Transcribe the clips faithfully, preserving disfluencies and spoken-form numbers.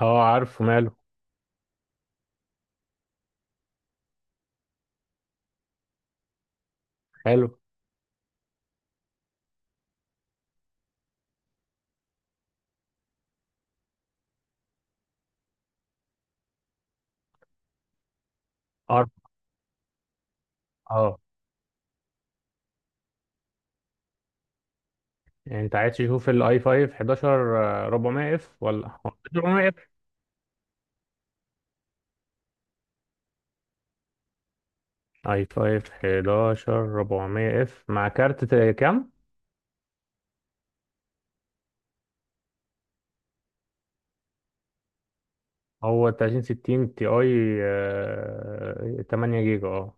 اه، عارفه ماله. حلو. عارف. اه. يعني انت عايز تشوف الاي خمسة حداشر؟ آه، أربعمائة اف ولا أربعمية اف. اي خمسة حداشر أربعمية اف مع كارت ت- كام؟ هو تلاتين ستين تي اي تمنية جيجا. اه،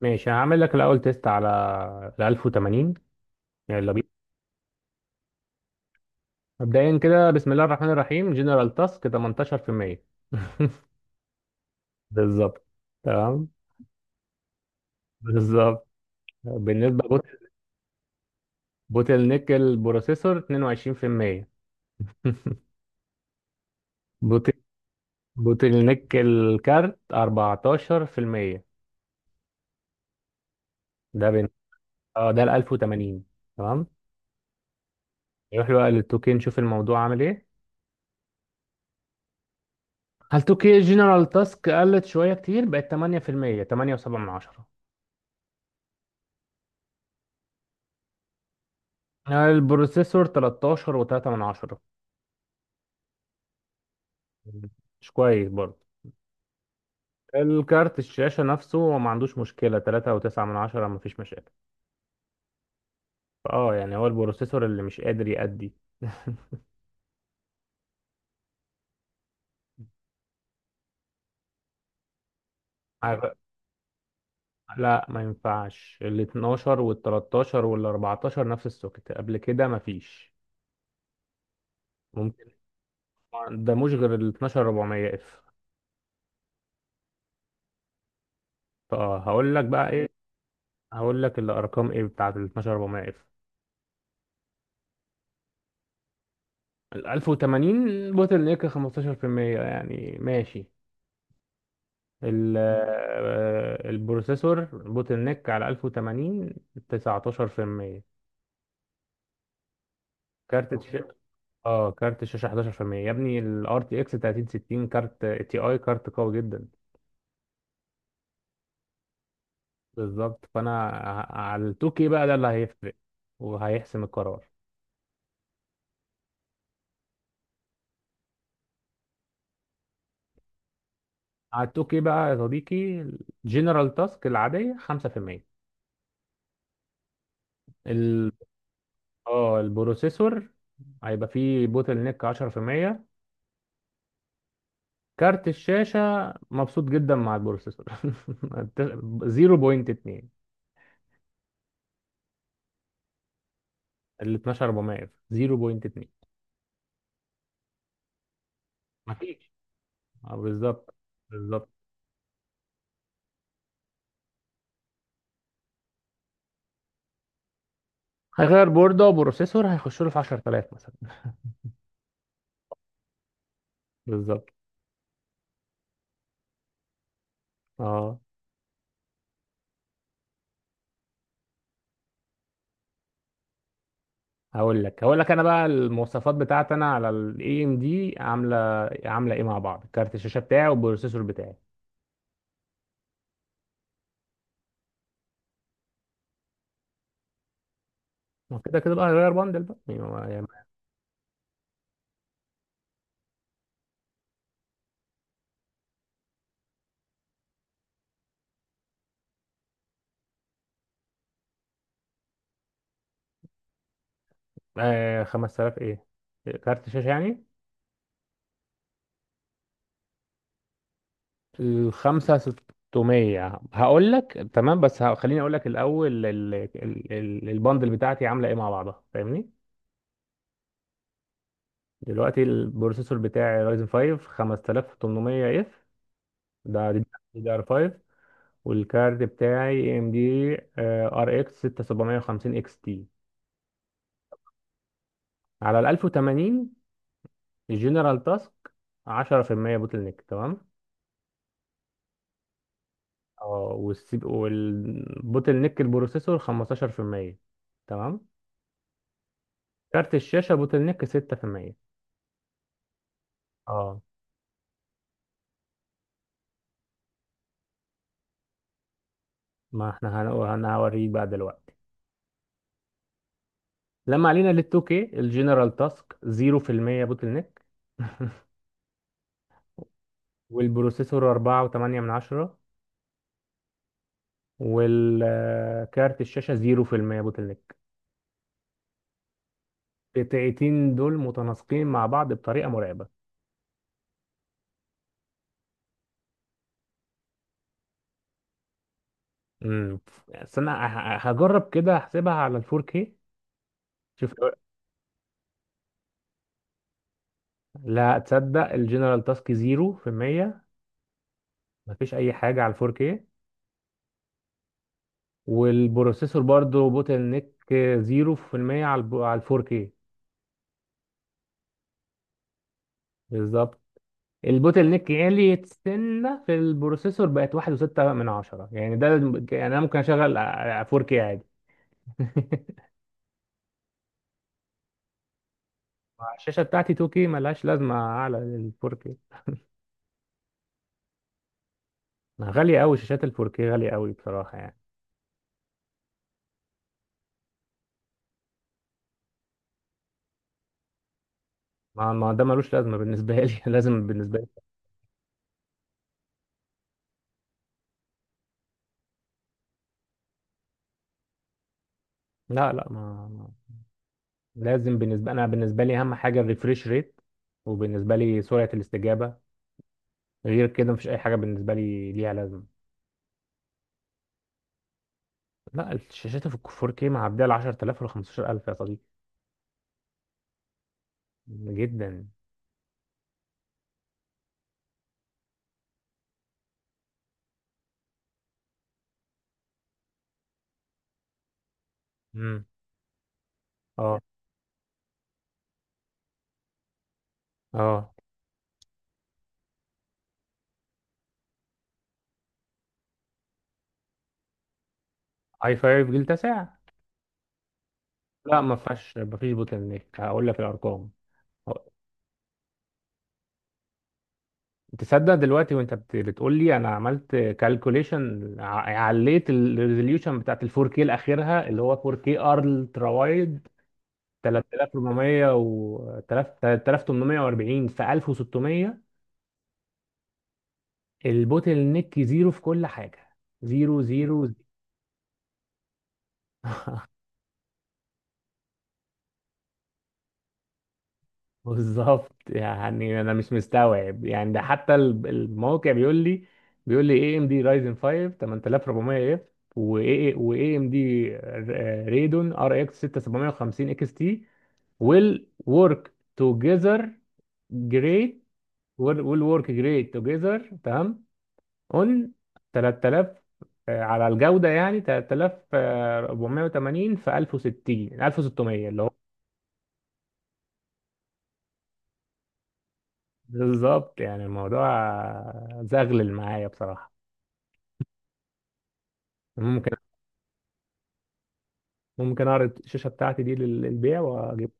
ماشي. هعمل لك الاول تيست على ال ألف وتمانين. يلا بينا. مبدئيا كده، بسم الله الرحمن الرحيم. جنرال تاسك تمنتاشر في المية. بالظبط. تمام. بالظبط. بالنسبه بوتل نيك البروسيسور اتنين وعشرين في المية. بوتل بوتل نيك الكارت أربعتاشر في المية. ده بين. اه، ده ال ألف وتمانين. تمام. نروح بقى لل تو كيه نشوف الموضوع عامل ايه. هل تو كيه جنرال تاسك قلت شوية كتير، بقت تمنية في المية، تمنية وسبعة من عشرة من عشرة. البروسيسور تلتاشر و3 من عشرة، مش كويس برضه. الكارت الشاشة نفسه هو ما عندوش مشكلة، تلاتة و9 من عشرة، ما فيش مشاكل. اه، يعني هو البروسيسور اللي مش قادر يأدي. لا، ما ينفعش. ال اتناشر وال تلتاشر وال أربعتاشر نفس السوكت، قبل كده ما فيش ممكن. ده مش غير ال اتناشر أربعمية اف. فهقول لك بقى ايه، هقول لك الارقام ايه بتاعت ال اتناشر أربعمية اف. ال ألف وتمانين بوتل نيك خمستاشر في المية، يعني ماشي. ال آه، البروسيسور بوتل نيك على ألف وتمانين تسعتاشر في المية. كارت الش... اه، كارت الشاشة حداشر في المية. يا ابني ال آر تي إكس تلاتين ستين كارت تي اي كارت قوي جدا. بالظبط. فانا ع- على التوكي بقى ده اللي هيفرق وهيحسم القرار. على التوكي بقى يا صديقي، الجنرال تاسك العادية خمسة في المية. ال... اه، البروسيسور هيبقى فيه بوتل نيك عشرة في المية. كارت الشاشة مبسوط جدا مع البروسيسور. زيرو بوينت تو. ال اتناشر أربعمية صفر فاصلة اتنين. مفيش. اه، بالظبط. بالظبط. هيغير بوردة وبروسيسور، هيخش له في عشرتالاف مثلا. بالظبط. اه، هقول لك هقول لك انا بقى المواصفات بتاعتي، انا على الاي ام دي عامله عامله ايه مع بعض، كارت الشاشه بتاعي والبروسيسور بتاعي. ما كده كده بقى هغير بندل بقى يعني هو- يعني- آه، خمسة آلاف ايه؟ كارت شاشه يعني. ال خمسة وستمية هقول لك تمام، بس ه- خليني اقول لك الاول ال- ال- ال- البندل بتاعتي عامله ايه مع بعضها، فاهمني. دلوقتي البروسيسور بتاعي رايزن خمسة خمسة تمنمية اف. ده دي دي ار خمسة. والكارد بتاعي ام دي ار اكس ستة سبعة خمسين اكس تي. على ال ألف وتمانين الجنرال تاسك عشرة في المية بوتل نيك، تمام. اه، والسي والبوتل نيك البروسيسور خمستاشر في المية، تمام. كارت الشاشة بوتل نيك ستة في المية. اه، ما احنا هنقول، انا هوريك بقى دلوقتي. لما علينا لل تو كيه، الجنرال تاسك زيرو في المية بوتل نيك. والبروسيسور أربعة وتمنية من عشرة من عشرة. والكارت الشاشة زيرو في المية بوتل نيك. قطعتين دول متناسقين مع بعض بطريقه مرعبه. امم بس انا ه- هجرب كده احسبها على ال فور كيه. شوف. لا تصدق، الجنرال تاسك زيرو في المية، مفيش اي حاجه على ال فور كيه. والبروسيسور برضو بوتل نيك زيرو في المية على الب- على ال فور كيه. بالظبط. البوتل نيك عالي سنه في البروسيسور، بقت واحد وستة من عشرة من عشرة، يعني ده الم- يعني انا ممكن اشغل فور كيه عادي. الشاشه بتاعتي تو كيه، ملهاش لازمه اعلى لل فور كيه. غالية أوي شاشات الفوركي، غالية أوي بصراحة يعني. ما ما ده ملوش لازمة بالنسبة لي. لازم بالنسبة لي. لا لا، ما ما- لازم بالنسبة أنا، بالنسبة لي أهم حاجة الريفريش ريت، وبالنسبة لي سرعة الاستجابة. غير كده مفيش أي حاجة بالنسبة لي ليها لازمة. لا، الشاشات في فور كيه معدية ال عشرتالاف ولا خمستاشر ألف يا صديقي، جدا. امم. اه، اه. اي خمسة جيل تاسع؟ لا، ما فيهاش، ما فيش بوتل نيك. هقول لك الأرقام. تصدق دلوقتي وانت بت- بتقول لي، انا عملت كالكوليشن، عليت الريزوليوشن بتاعت ال فور كيه الاخيرها اللي هو فور كيه الترا وايد، تلاتة آلاف وأربعمية و تلاتة آلاف وتمنمية وأربعين في ألف وستمية. البوتل نيك زيرو في كل حاجه، زيرو زيرو. بالظبط. يعني انا مش مستوعب، يعني ده حتى ال- الموقع بيقول لي، بيقول لي اي ام دي رايزن خمسة تمنية آلاف وأربعمية اف واي واي ام دي ريدون ار اكس ستة سبعة خمسين اكس تي، ويل ورك توجذر جريت. ويل ورك جريت توجذر، تمام. اون تلاتة آلاف. آه، على الجودة يعني تلاتة آلاف وأربعمية وتمانين في ألف وستين ألف وستمية اللي هو. بالظبط، يعني الموضوع زغلل معايا بصراحة. ممكن ممكن اعرض الشاشة بتاعتي دي لل- للبيع واجيب.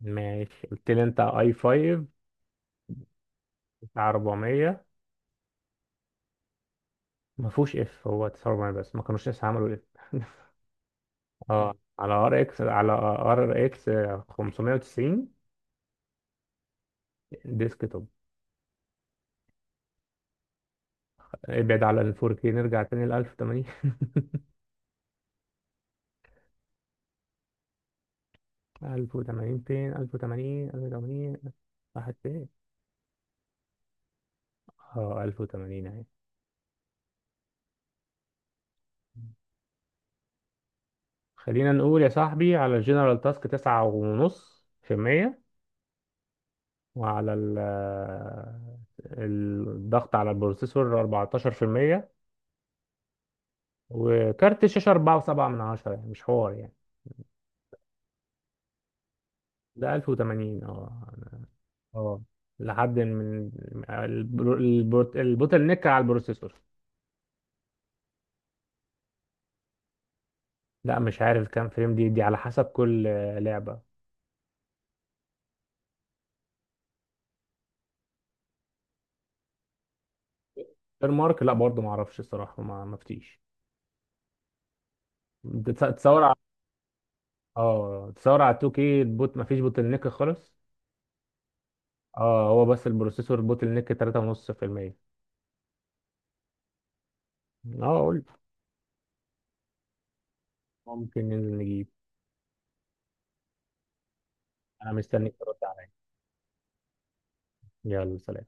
ماشي قلت لي انت اي خمسة بتاع أربعمية. ما فيهوش اف، هو تسعة وأربعين بس، ما كانوش لسه عملوا اف. اه، على ار اكس على ار اكس خمسمية وتسعين ديسك توب. ابعد على ال فور كيه، نرجع تاني ل ألف وتمانين ألف وتمانين. فين ألف وتمانين ألف وتمانين راحت فين؟ اه، ألف وتمانين اهي. خلينا نقول يا صاحبي، على الجنرال تاسك تسعة ونص في المية. وعلى ال- الضغط على البروسيسور أربعتاشر في المية. وكارت الشاشة أربعة وسبعة من عشرة، يعني مش حوار يعني. ده ألف وتمانين، اه. اه، لحد من البرو- البرو- البوتل نيك على البروسيسور. لا مش عارف كام فريم، دي دي على حسب كل آه، لعبة. غير مارك، لا برضه ما اعرفش الصراحة، ما مفتيش. تصور على، اه، تصور على تو كيه البوت ما فيش بوتل نيك خالص. اه، هو بس البروسيسور بوتل نيك تلاتة ونص في المية. اه قلت. ممكن ننزل نجيب. انا مستنيك ترد عليا. يلا، سلام.